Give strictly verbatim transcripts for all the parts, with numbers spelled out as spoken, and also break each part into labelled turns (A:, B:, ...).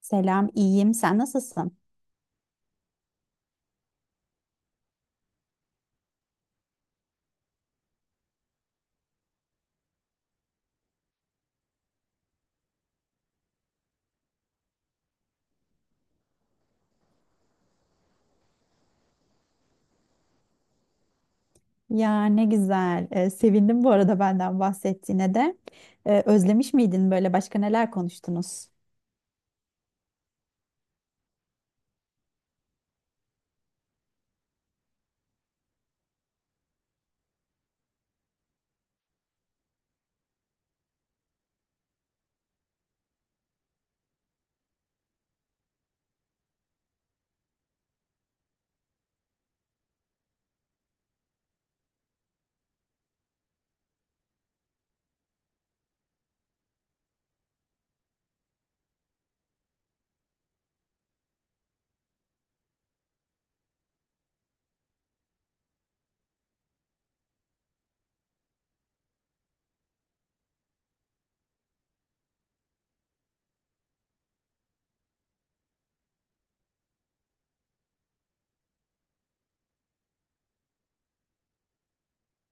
A: Selam, iyiyim. Sen nasılsın? Ya ne güzel. Ee, sevindim bu arada benden bahsettiğine de. Ee, özlemiş miydin böyle başka neler konuştunuz?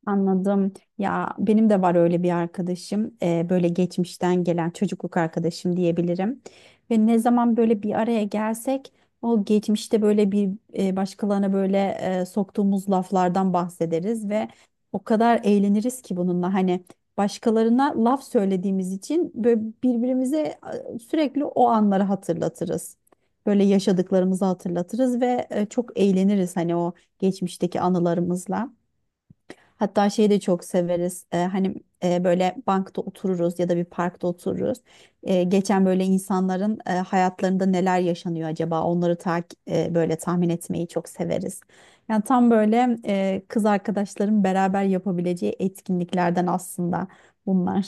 A: Anladım. Ya benim de var öyle bir arkadaşım. Ee, böyle geçmişten gelen çocukluk arkadaşım diyebilirim. Ve ne zaman böyle bir araya gelsek o geçmişte böyle bir e, başkalarına böyle e, soktuğumuz laflardan bahsederiz ve o kadar eğleniriz ki bununla hani başkalarına laf söylediğimiz için böyle birbirimize e, sürekli o anları hatırlatırız. Böyle yaşadıklarımızı hatırlatırız ve e, çok eğleniriz hani o geçmişteki anılarımızla. Hatta şeyi de çok severiz. Ee, hani e, böyle bankta otururuz ya da bir parkta otururuz. Ee, geçen böyle insanların e, hayatlarında neler yaşanıyor acaba? Onları tak e, böyle tahmin etmeyi çok severiz. Yani tam böyle e, kız arkadaşların beraber yapabileceği etkinliklerden aslında bunlar.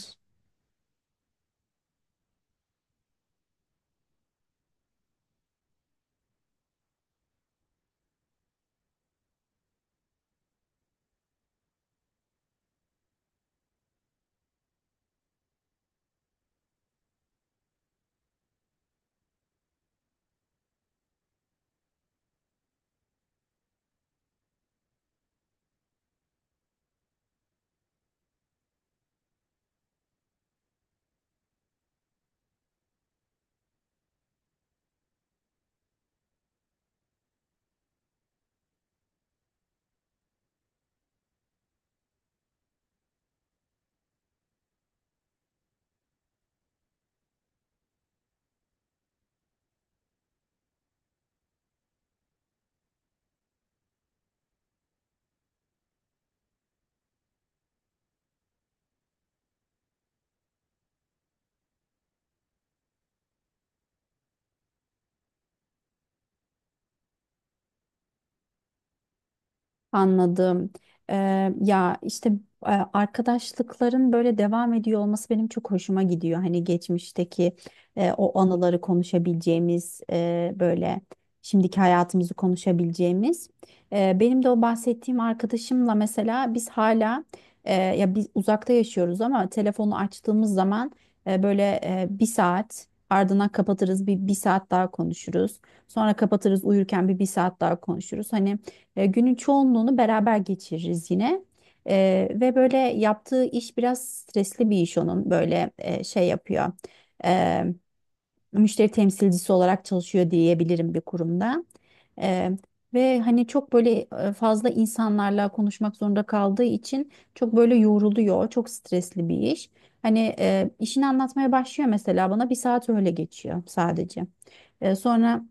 A: Anladım. Eee, ya işte e, arkadaşlıkların böyle devam ediyor olması benim çok hoşuma gidiyor. Hani geçmişteki e, o anıları konuşabileceğimiz, e, böyle şimdiki hayatımızı konuşabileceğimiz. E, benim de o bahsettiğim arkadaşımla mesela biz hala, e, ya biz uzakta yaşıyoruz, ama telefonu açtığımız zaman e, böyle e, bir saat ardından kapatırız, bir, bir saat daha konuşuruz. Sonra kapatırız, uyurken bir bir saat daha konuşuruz. Hani. E, günün çoğunluğunu beraber geçiririz yine. E, ve böyle yaptığı iş biraz stresli bir iş onun. Böyle e, şey yapıyor. E, müşteri temsilcisi olarak çalışıyor diyebilirim bir kurumda. E, ve hani çok böyle e, fazla insanlarla konuşmak zorunda kaldığı için çok böyle yoruluyor. Çok stresli bir iş. Hani e, işini anlatmaya başlıyor mesela bana, bir saat öyle geçiyor sadece. E, sonra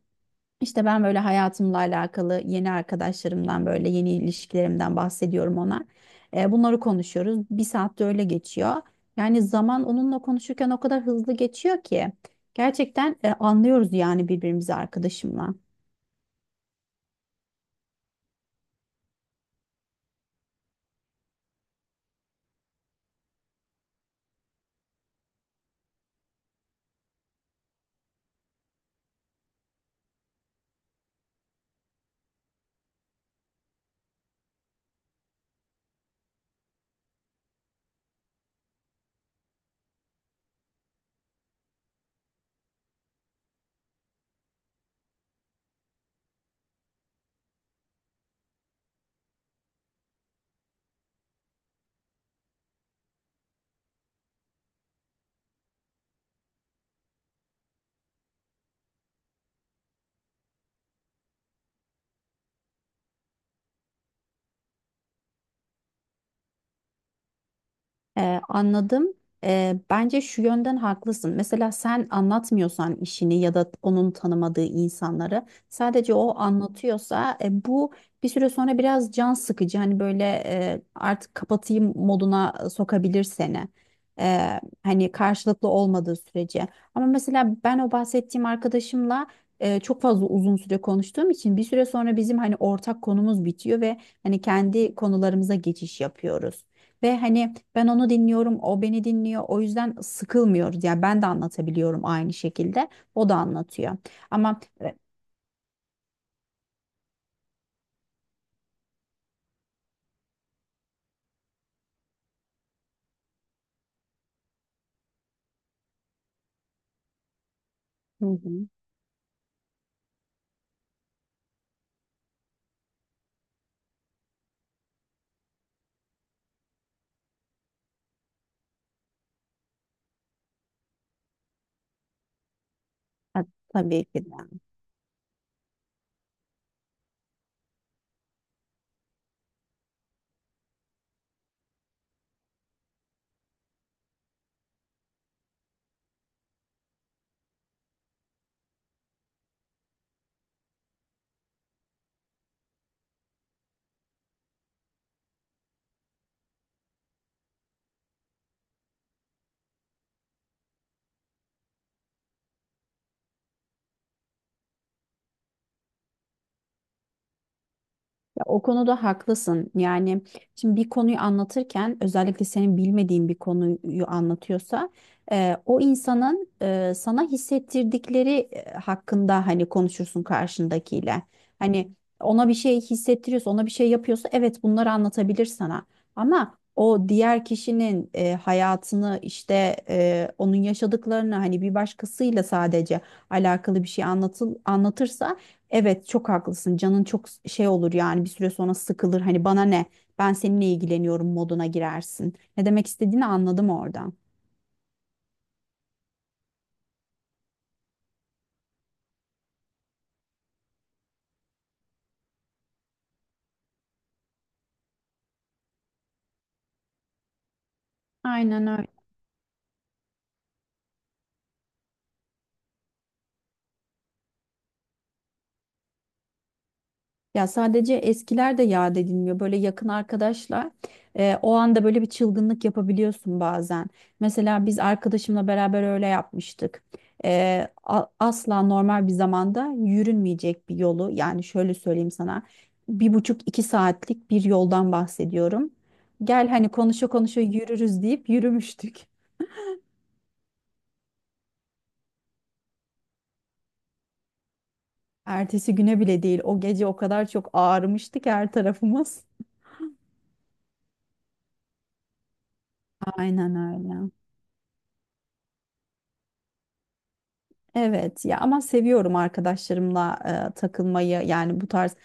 A: işte ben böyle hayatımla alakalı yeni arkadaşlarımdan, böyle yeni ilişkilerimden bahsediyorum ona. E, bunları konuşuyoruz. Bir saatte öyle geçiyor. Yani zaman onunla konuşurken o kadar hızlı geçiyor ki gerçekten e, anlıyoruz yani birbirimizi arkadaşımla. Ee, anladım. Ee, bence şu yönden haklısın. Mesela sen anlatmıyorsan işini, ya da onun tanımadığı insanları sadece o anlatıyorsa e, bu bir süre sonra biraz can sıkıcı. Hani böyle e, artık kapatayım moduna e, sokabilir seni. Ee, hani karşılıklı olmadığı sürece. Ama mesela ben o bahsettiğim arkadaşımla e, çok fazla uzun süre konuştuğum için bir süre sonra bizim hani ortak konumuz bitiyor ve hani kendi konularımıza geçiş yapıyoruz. Ve hani ben onu dinliyorum, o beni dinliyor. O yüzden sıkılmıyoruz. Yani ben de anlatabiliyorum aynı şekilde. O da anlatıyor. Ama e, Hı hı. Ha, tabii ki de. Ya, o konuda haklısın. Yani şimdi bir konuyu anlatırken, özellikle senin bilmediğin bir konuyu anlatıyorsa, e, o insanın e, sana hissettirdikleri e, hakkında hani konuşursun karşındakiyle. Hani ona bir şey hissettiriyorsa, ona bir şey yapıyorsa, evet, bunları anlatabilir sana. Ama o diğer kişinin e, hayatını, işte e, onun yaşadıklarını hani bir başkasıyla sadece alakalı bir şey anlatıl, anlatırsa, evet çok haklısın. Canın çok şey olur yani bir süre sonra, sıkılır. Hani bana ne? Ben seninle ilgileniyorum moduna girersin. Ne demek istediğini anladım oradan. Aynen öyle. Ya sadece eskiler de yad edilmiyor. Böyle yakın arkadaşla e, o anda böyle bir çılgınlık yapabiliyorsun bazen. Mesela biz arkadaşımla beraber öyle yapmıştık. E, a- asla normal bir zamanda yürünmeyecek bir yolu, yani şöyle söyleyeyim sana, bir buçuk iki saatlik bir yoldan bahsediyorum. Gel hani, konuşa konuşa yürürüz deyip yürümüştük. Ertesi güne bile değil, o gece o kadar çok ağrımıştı ki her tarafımız. Aynen öyle. Evet ya, ama seviyorum arkadaşlarımla e, takılmayı, yani bu tarz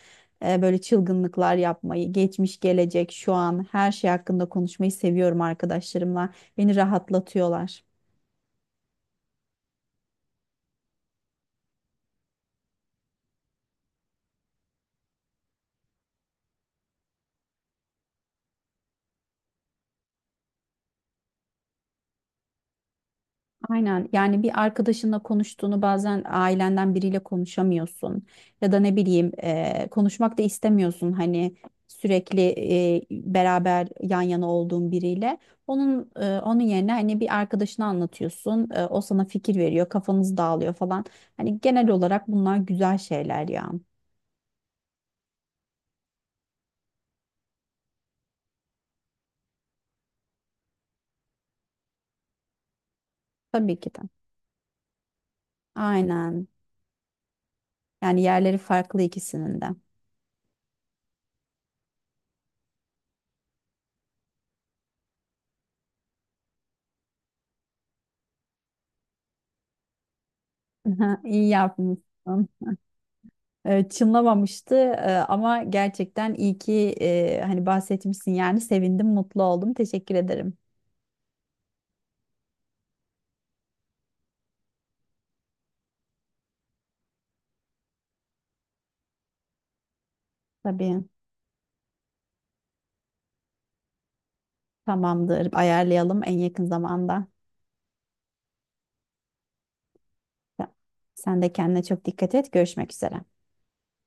A: e, böyle çılgınlıklar yapmayı, geçmiş, gelecek, şu an, her şey hakkında konuşmayı seviyorum arkadaşlarımla. Beni rahatlatıyorlar. Aynen, yani bir arkadaşınla konuştuğunu bazen ailenden biriyle konuşamıyorsun, ya da ne bileyim eee, konuşmak da istemiyorsun, hani sürekli eee, beraber yan yana olduğun biriyle, onun eee, onun yerine hani bir arkadaşına anlatıyorsun. Eee, o sana fikir veriyor, kafanız dağılıyor falan. Hani genel olarak bunlar güzel şeyler ya. Tabii ki de. Aynen. Yani yerleri farklı ikisinin de. iyi yapmışsın. E, çınlamamıştı. E, ama gerçekten iyi ki e, hani bahsetmişsin, yani sevindim, mutlu oldum. Teşekkür ederim. Tabii, tamamdır. Ayarlayalım en yakın zamanda. Sen de kendine çok dikkat et. Görüşmek üzere.